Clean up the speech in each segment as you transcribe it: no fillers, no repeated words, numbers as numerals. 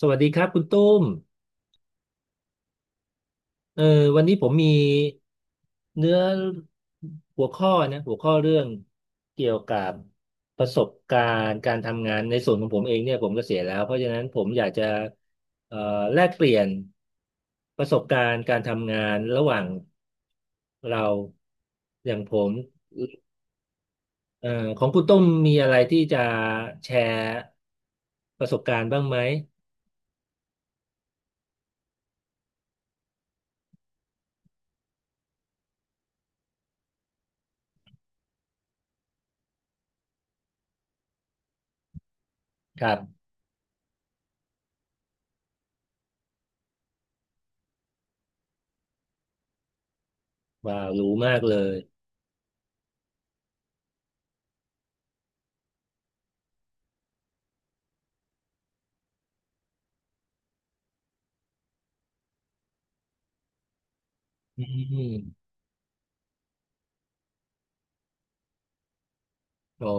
สวัสดีครับคุณตุ้มเออวันนี้ผมมีเนื้อหัวข้อนะหัวข้อเรื่องเกี่ยวกับประสบการณ์การทำงานในส่วนของผมเองเนี่ยผมเกษียณแล้วเพราะฉะนั้นผมอยากจะเอ่อแลกเปลี่ยนประสบการณ์การทำงานระหว่างเราอย่างผมเอ่อของคุณตุ้มมีอะไรที่จะแชร์ประสบการณ์บ้างไหมครับว้าวรู้มากเลยอืมอ๋อ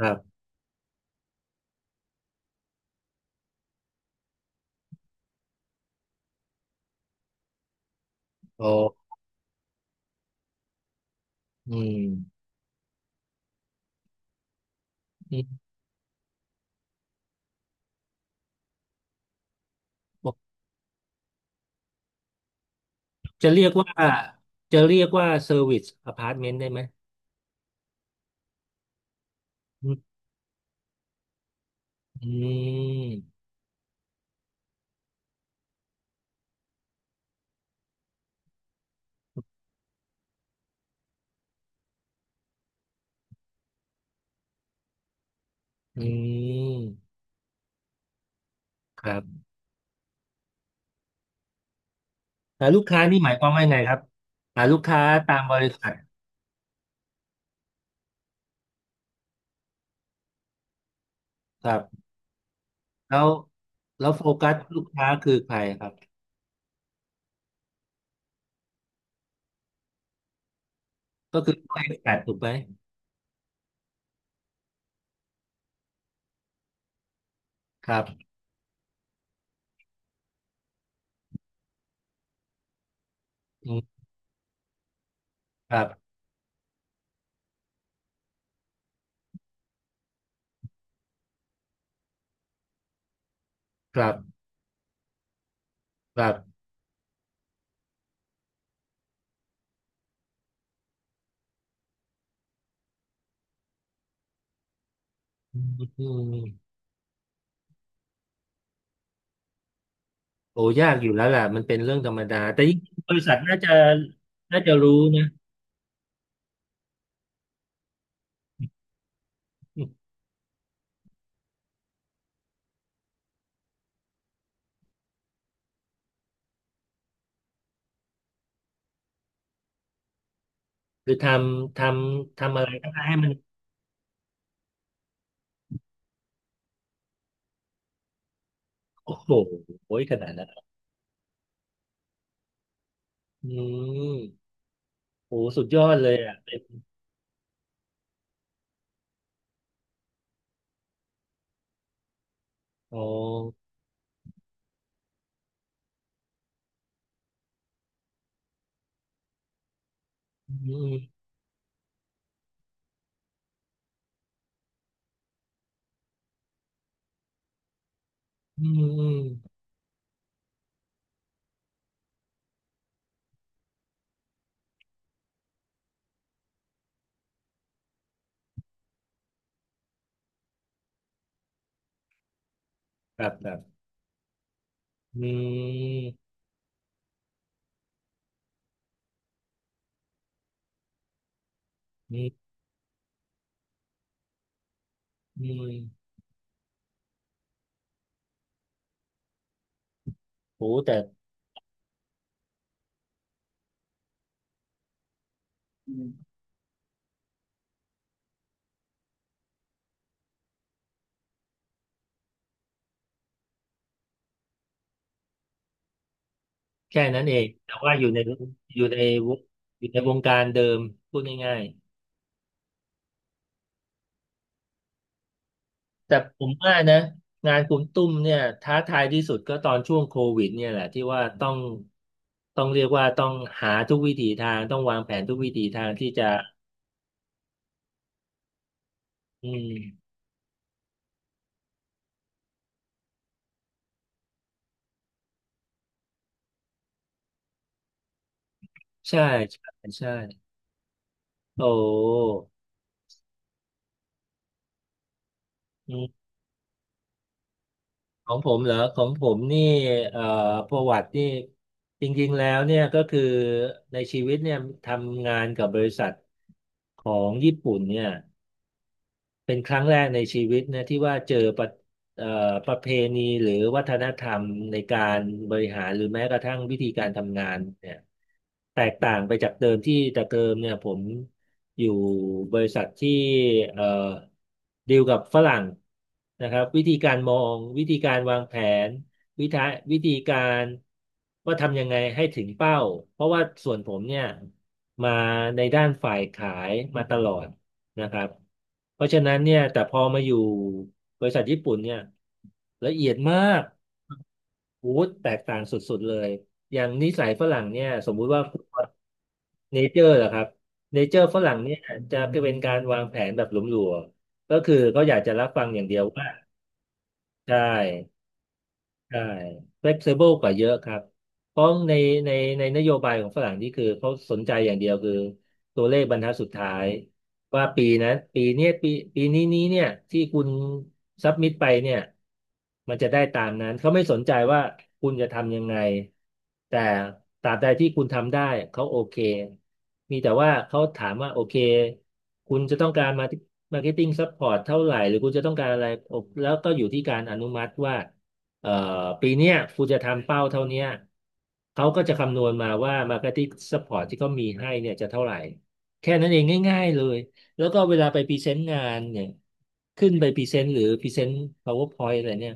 ครับอ๋ออืมอืมจะเรียกว่าจะเรียกว่าเซอร์วิสอพาร์ตเมนต์ได้ไหมอืมอืมอืมครับแต่ลูกค้านี่หมายความว่าไงครับหาลูกค้าตามบริษัทครับแล้วแล้วโฟกัสลูกค้าคือใครครับก็คือตัวเอกแปดถูกไหมครับอืมครับครับครับอืมอืมโอ้ยากอยู่แล้วแหละมันเป็นเรื่องธรรมดาแต่ยิ่งบริษัทน่าจะน่าจะรู้นะ คือำททำอะไรก็ได้ให้มันโอ้โหโอ้ยขนาดนั้นอืมโอ้สุดยอดเลยอ่ะเป็นโอ้อืมอืมอืมครับครับอืมอืมอืมโอ้แต่อืมแค่นั้นเองแต่ว่าอยู่ในอยู่ในวงอยู่ในวงการเดิมพูดง่าย แต่ผมว่านะงานคุณตุ้มเนี่ยท้าทายที่สุดก็ตอนช่วงโควิดเนี่ยแหละที่ว่าต้องต้องเรียกว่าต้องหาทุกวิถีทางต้องวางแผนทุกวิถีทางที่จะอืมใช่ใช่ใช่โอ้อืมของผมเหรอของผมนี่เอ่อประวัตินี่จริงๆแล้วเนี่ยก็คือในชีวิตเนี่ยทำงานกับบริษัทของญี่ปุ่นเนี่ย เป็นครั้งแรกในชีวิตนะที่ว่าเจอประเอ่อประเพณีหรือวัฒนธรรมในการบริหารหรือแม้กระทั่งวิธีการทำงานเนี่ยแตกต่างไปจากเดิมที่แต่เดิมเนี่ยผมอยู่บริษัทที่เอ่อดีลกับฝรั่งนะครับวิธีการมองวิธีการวางแผนวิธีวิธีการว่าทำยังไงให้ถึงเป้าเพราะว่าส่วนผมเนี่ยมาในด้านฝ่ายขายมาตลอด นะครับเพราะฉะนั้นเนี่ยแต่พอมาอยู่บริษัทญี่ปุ่นเนี่ยละเอียดมากโอ้โหแตกต่างสุดๆเลยอย่างนิสัยฝรั่งเนี่ยสมมุติว่าเนเจอร์เหรอครับเนเจอร์ฝรั่งเนี่ยจะเป็นการวางแผนแบบหลวมๆก็คือเขาอยากจะรับฟังอย่างเดียวว่าใช่ ใช่ flexible กว่าเยอะครับเพราะในในนโยบายของฝรั่งนี่คือเขาสนใจอย่างเดียวคือตัวเลขบรรทัดสุดท้ายว่าปีนะปีเนี้ยปีนี้เนี่ยที่คุณซับมิดไปเนี่ยมันจะได้ตามนั้นเขาไม่สนใจว่าคุณจะทำยังไงแต่ตราบใดที่คุณทำได้เขาโอเคมีแต่ว่าเขาถามว่าโอเคคุณจะต้องการมามาร์เก็ตติ้งซัพพอร์ตเท่าไหร่หรือคุณจะต้องการอะไรแล้วก็อยู่ที่การอนุมัติว่า เอ่อปีเนี้ยคุณจะทำเป้าเท่าเนี้ยเขาก็จะคำนวณมาว่า Marketing Support ที่เขามีให้เนี่ยจะเท่าไหร่ แค่นั้นเองง่ายๆเลย แล้วก็เวลาไปพรีเซนต์งานเนี่ยขึ้นไปพรีเซนต์หรือพรีเซนต์ PowerPoint อะไรเนี่ย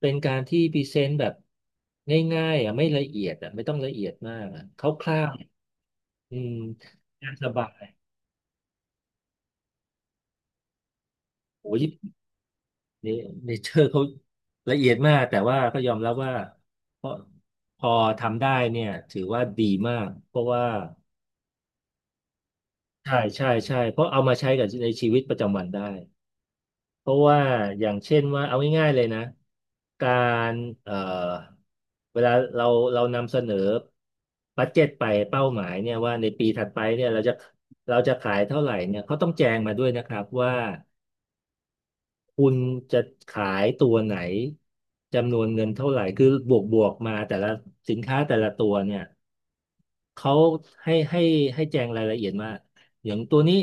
เป็นการที่พรีเซนต์แบบง่ายๆอ่ะไม่ละเอียดอ่ะไม่ต้องละเอียดมากอ่ะคร่าวๆอืมน่าสบายโอ้ย นี่เนเจอร์เขาละเอียดมากแต่ว่าก็ยอมรับว่าเพอพอทำได้เนี่ยถือว่าดีมากเพราะว่าใช่ใช่ใช่เพราะเอามาใช้กับในชีวิตประจำวันได้เพราะว่าอย่างเช่นว่าเอาง่ายๆเลยนะการเอ่อเวลาเราเรานำเสนอบัดเจ็ตไปเป้าหมายเนี่ยว่าในปีถัดไปเนี่ยเราจะเราจะขายเท่าไหร่เนี่ยเขาต้องแจงมาด้วยนะครับว่า คุณจะขายตัวไหนจำนวนเงินเท่าไหร่คือบวกมาแต่ละสินค้าแต่ละตัวเนี่ยเขาให้ให้ให้แจงรายละเอียดมาอย่างตัวนี้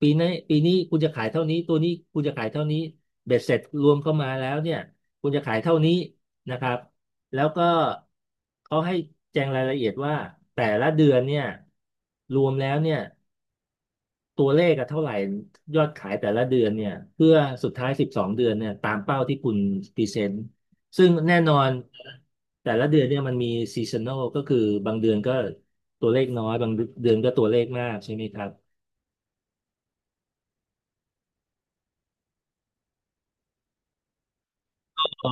ปีนี้คุณจะขายเท่านี้ตัวนี้คุณจะขายเท่านี้เบ็ดเสร็จรวมเข้ามาแล้วเนี่ยคุณจะขายเท่านี้นะครับแล้วก็เขาให้แจงรายละเอียดว่าแต่ละเดือนเนี่ยรวมแล้วเนี่ย ตัวเลขอะเท่าไหร่ยอดขายแต่ละเดือนเนี่ยเพื่อสุดท้าย12เดือนเนี่ยตามเป้าที่คุณพรีเซนต์ซึ่งแน่นอนแต่ละเดือนเนี่ยมันมีซีซัน a ลก็คือบางเดือนก็ตัวเลขน้อยบางเดือนก็ตัวเลขมากใช่ไหมครับก็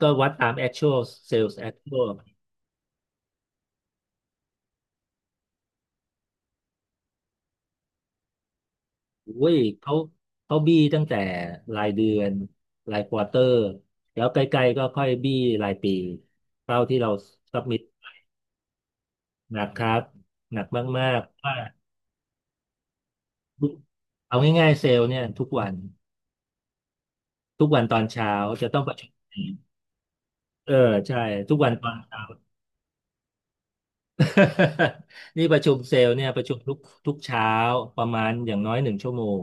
ก็วัดตาม actual sales actual โอ้ยเขาบี้ตั้งแต่รายเดือนรายควอเตอร์แล้วใกล้ๆก็ค่อยบี้รายปีเป้าที่เราสับมิ t หนักครับหนักมากๆว่า ทุกเอาง่ายๆเซลล์เนี่ยทุกวันทุกวันตอนเช้าจะต้องประชุมเออใช่ทุกวันตอน นี่ประชุมเซลล์เนี่ยประชุมทุกเช้าประมาณอย่างน้อย1 ชั่วโมง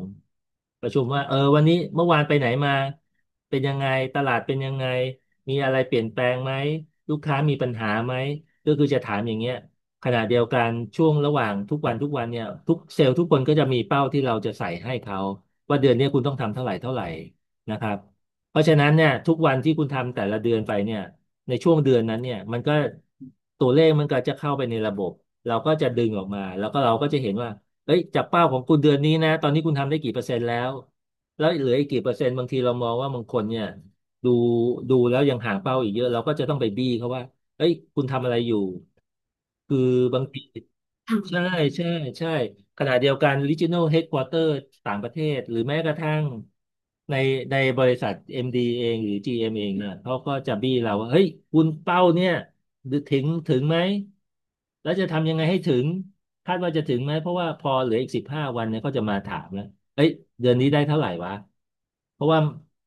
ประชุมว่าเออวันนี้เมื่อวานไปไหนมาเป็นยังไงตลาดเป็นยังไงมีอะไรเปลี่ยนแปลงไหมลูกค้ามีปัญหาไหมก็คือจะถามอย่างเงี้ยขณะเดียวกันช่วงระหว่างทุกวันทุกวันเนี่ยทุกเซลล์ทุกคนก็จะมีเป้าที่เราจะใส่ให้เขาว่าเดือนเนี้ยคุณต้องทำเท่าไหร่เท่าไหร่นะครับเพราะฉะนั้นเนี่ยทุกวันที่คุณทำแต่ละเดือนไปเนี่ย ในช่วงเดือนนั้นเนี่ยมันก็ตัวเลขมันก็จะเข้าไปในระบบเราก็จะดึงออกมาแล้วก็เราก็จะเห็นว่าเอ้ยจากเป้าของคุณเดือนนี้นะตอนนี้คุณทำได้กี่เปอร์เซ็นต์แล้วแล้วเหลืออีกกี่เปอร์เซ็นต์บางทีเรามองว่าบางคนเนี่ยดูดูแล้วยังห่างเป้าอีกเยอะเราก็จะต้องไปบี้เขาว่าเอ้ยคุณทำอะไรอยู่คือบางที ใช่ใช่ใช่ขณะเดียวกัน Regional Headquarter ต่างประเทศหรือแม้กระทั่งในในบริษัท MD เองหรือ GM เอมเองเนี่ยเขาก็จะบี้เราว่าเฮ้ยคุณเป้าเนี่ยถึงถึงไหมแล้วจะทำยังไงให้ถึงคาดว่าจะถึงไหมเพราะว่าพอเหลืออีก15 วันเนี่ยเขาจะมาถามแล้ว เอ้ยเดือนนี้ได้เท่าไหร่วะเพราะว่า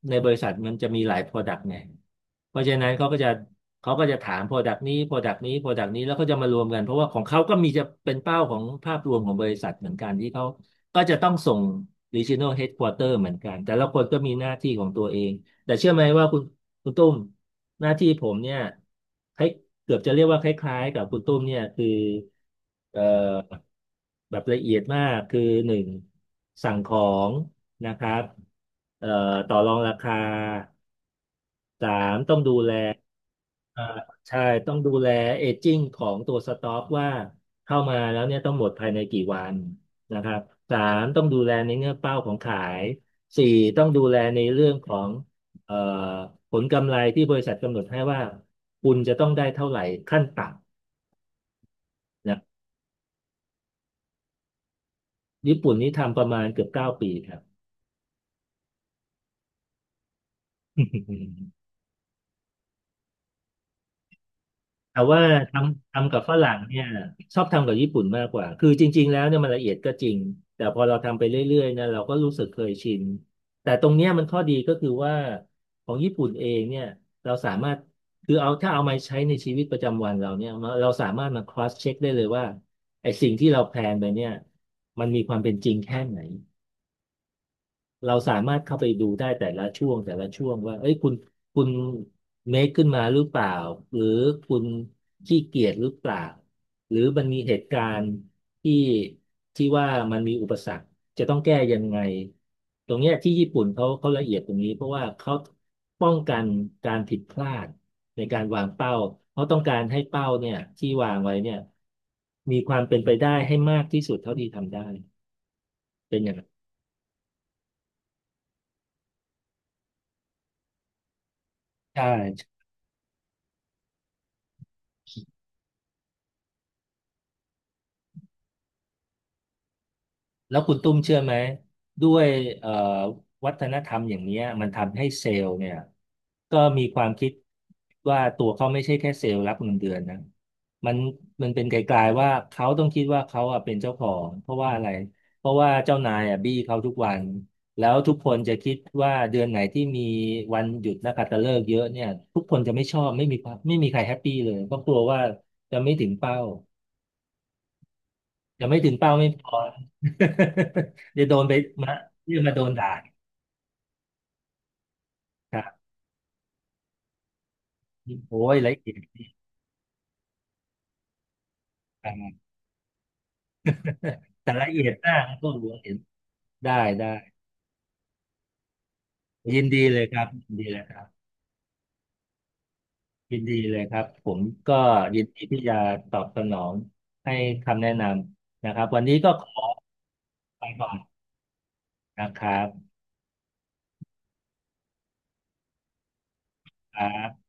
ในบริษัทมันจะมีหลาย Product ไงเพราะฉะนั้นเขาก็จะถาม Product นี้ Product นี้ Product นี้แล้วก็จะมารวมกันเพราะว่าของเขาก็มีจะเป็นเป้าของภาพรวมของบริษัทเหมือนกันที่เขาก็จะต้องส่ง Regional Headquarter เหมือนกันแต่ละคนก็มีหน้าที่ของตัวเองแต่เชื่อไหมว่าคุณตุ้มหน้าที่ผมเนี่ย เกือบจะเรียกว่าคล้ายๆกับคุณตุ้มเนี่ยคือเอ่อแบบละเอียดมากคือหนึ่งสั่งของนะครับเอ่อต่อรองราคาสามต้องดูแลเอ่อใช่ต้องดูแลเอจจิ้งของตัวสต็อกว่าเข้ามาแล้วเนี่ยต้องหมดภายในกี่วันนะครับสามต้องดูแลในเงื่อนเป้าของขายสี่ต้องดูแลในเรื่องของเอ่อผลกำไรที่บริษัทกำหนดให้ว่าคุณจะต้องได้เท่าไหร่ขั้นต่ นะญี่ปุ่นนี่ทำประมาณเกือบ9 ปีครับแต่ว่าทำกับฝรั่งเนี่ยชอบทำกับญี่ปุ่นมากกว่าคือจริงๆแล้วเนี่ยมันละเอียดก็จริงแต่พอเราทำไปเรื่อยๆนะเราก็รู้สึกเคยชินแต่ตรงเนี้ยมันข้อดีก็คือว่าของญี่ปุ่นเองเนี่ยเราสามารถคือเอาถ้าเอามาใช้ในชีวิตประจำวันเราเนี่ยเราสามารถมา cross check ได้เลยว่าไอ้สิ่งที่เราแพลนไปเนี่ยมันมีความเป็นจริงแค่ไหน เราสามารถเข้าไปดูได้แต่ละช่วงแต่ละช่วงว่าเอ้ยคุณคุณเมคขึ้นมาหรือเปล่าหรือคุณขี้เกียจหรือเปล่าหรือมันมีเหตุการณ์ที่ที่ว่ามันมีอุปสรรคจะต้องแก้ยังไงตรงเนี้ยที่ญี่ปุ่นเขาละเอียดตรงนี้เพราะว่าเขาป้องกันการผิดพลาดในการวางเป้าเขาต้องการให้เป้าเนี่ยที่วางไว้เนี่ยมีความเป็นไปได้ให้มากที่สุดเท่าที่ทำได้เป็นอย่างนั้นใช่ แล้วคุณตุ้มเชื่อไหมด้วยเอ่อวัฒนธรรมอย่างเนี้ยมันทำให้เซลล์เนี่ยก็มีความคิดว่าตัวเขาไม่ใช่แค่เซลล์รับเงินเดือนนะมันมันเป็นไกลๆว่าเขาต้องคิดว่าเขาอะเป็นเจ้าของเพราะว่าอะไรเพราะว่าเจ้านายอะบี้เขาทุกวันแล้วทุกคนจะคิดว่าเดือนไหนที่มีวันหยุดนักขัตฤกษ์เยอะเนี่ยทุกคนจะไม่ชอบไม่มีความไม่มีใครแฮปปี้เลยเพราะกลัวว่าจะไม่ถึงเป้า ยังไม่ถึงเป้าไม่พอ เดี๋ยวโดนไปมาเรื่องมาโดนด่าครับโอ้ยละเอียดดีอ่า แต่ละเอียดมากก็รู้เห็นได้ได้ยินดีเลยครับยินดีเลยครับผมก็ยินดีที่จะตอบสนองให้คำแนะนำนะครับวันนี้ก็ขอไปก่อนนะครับครับ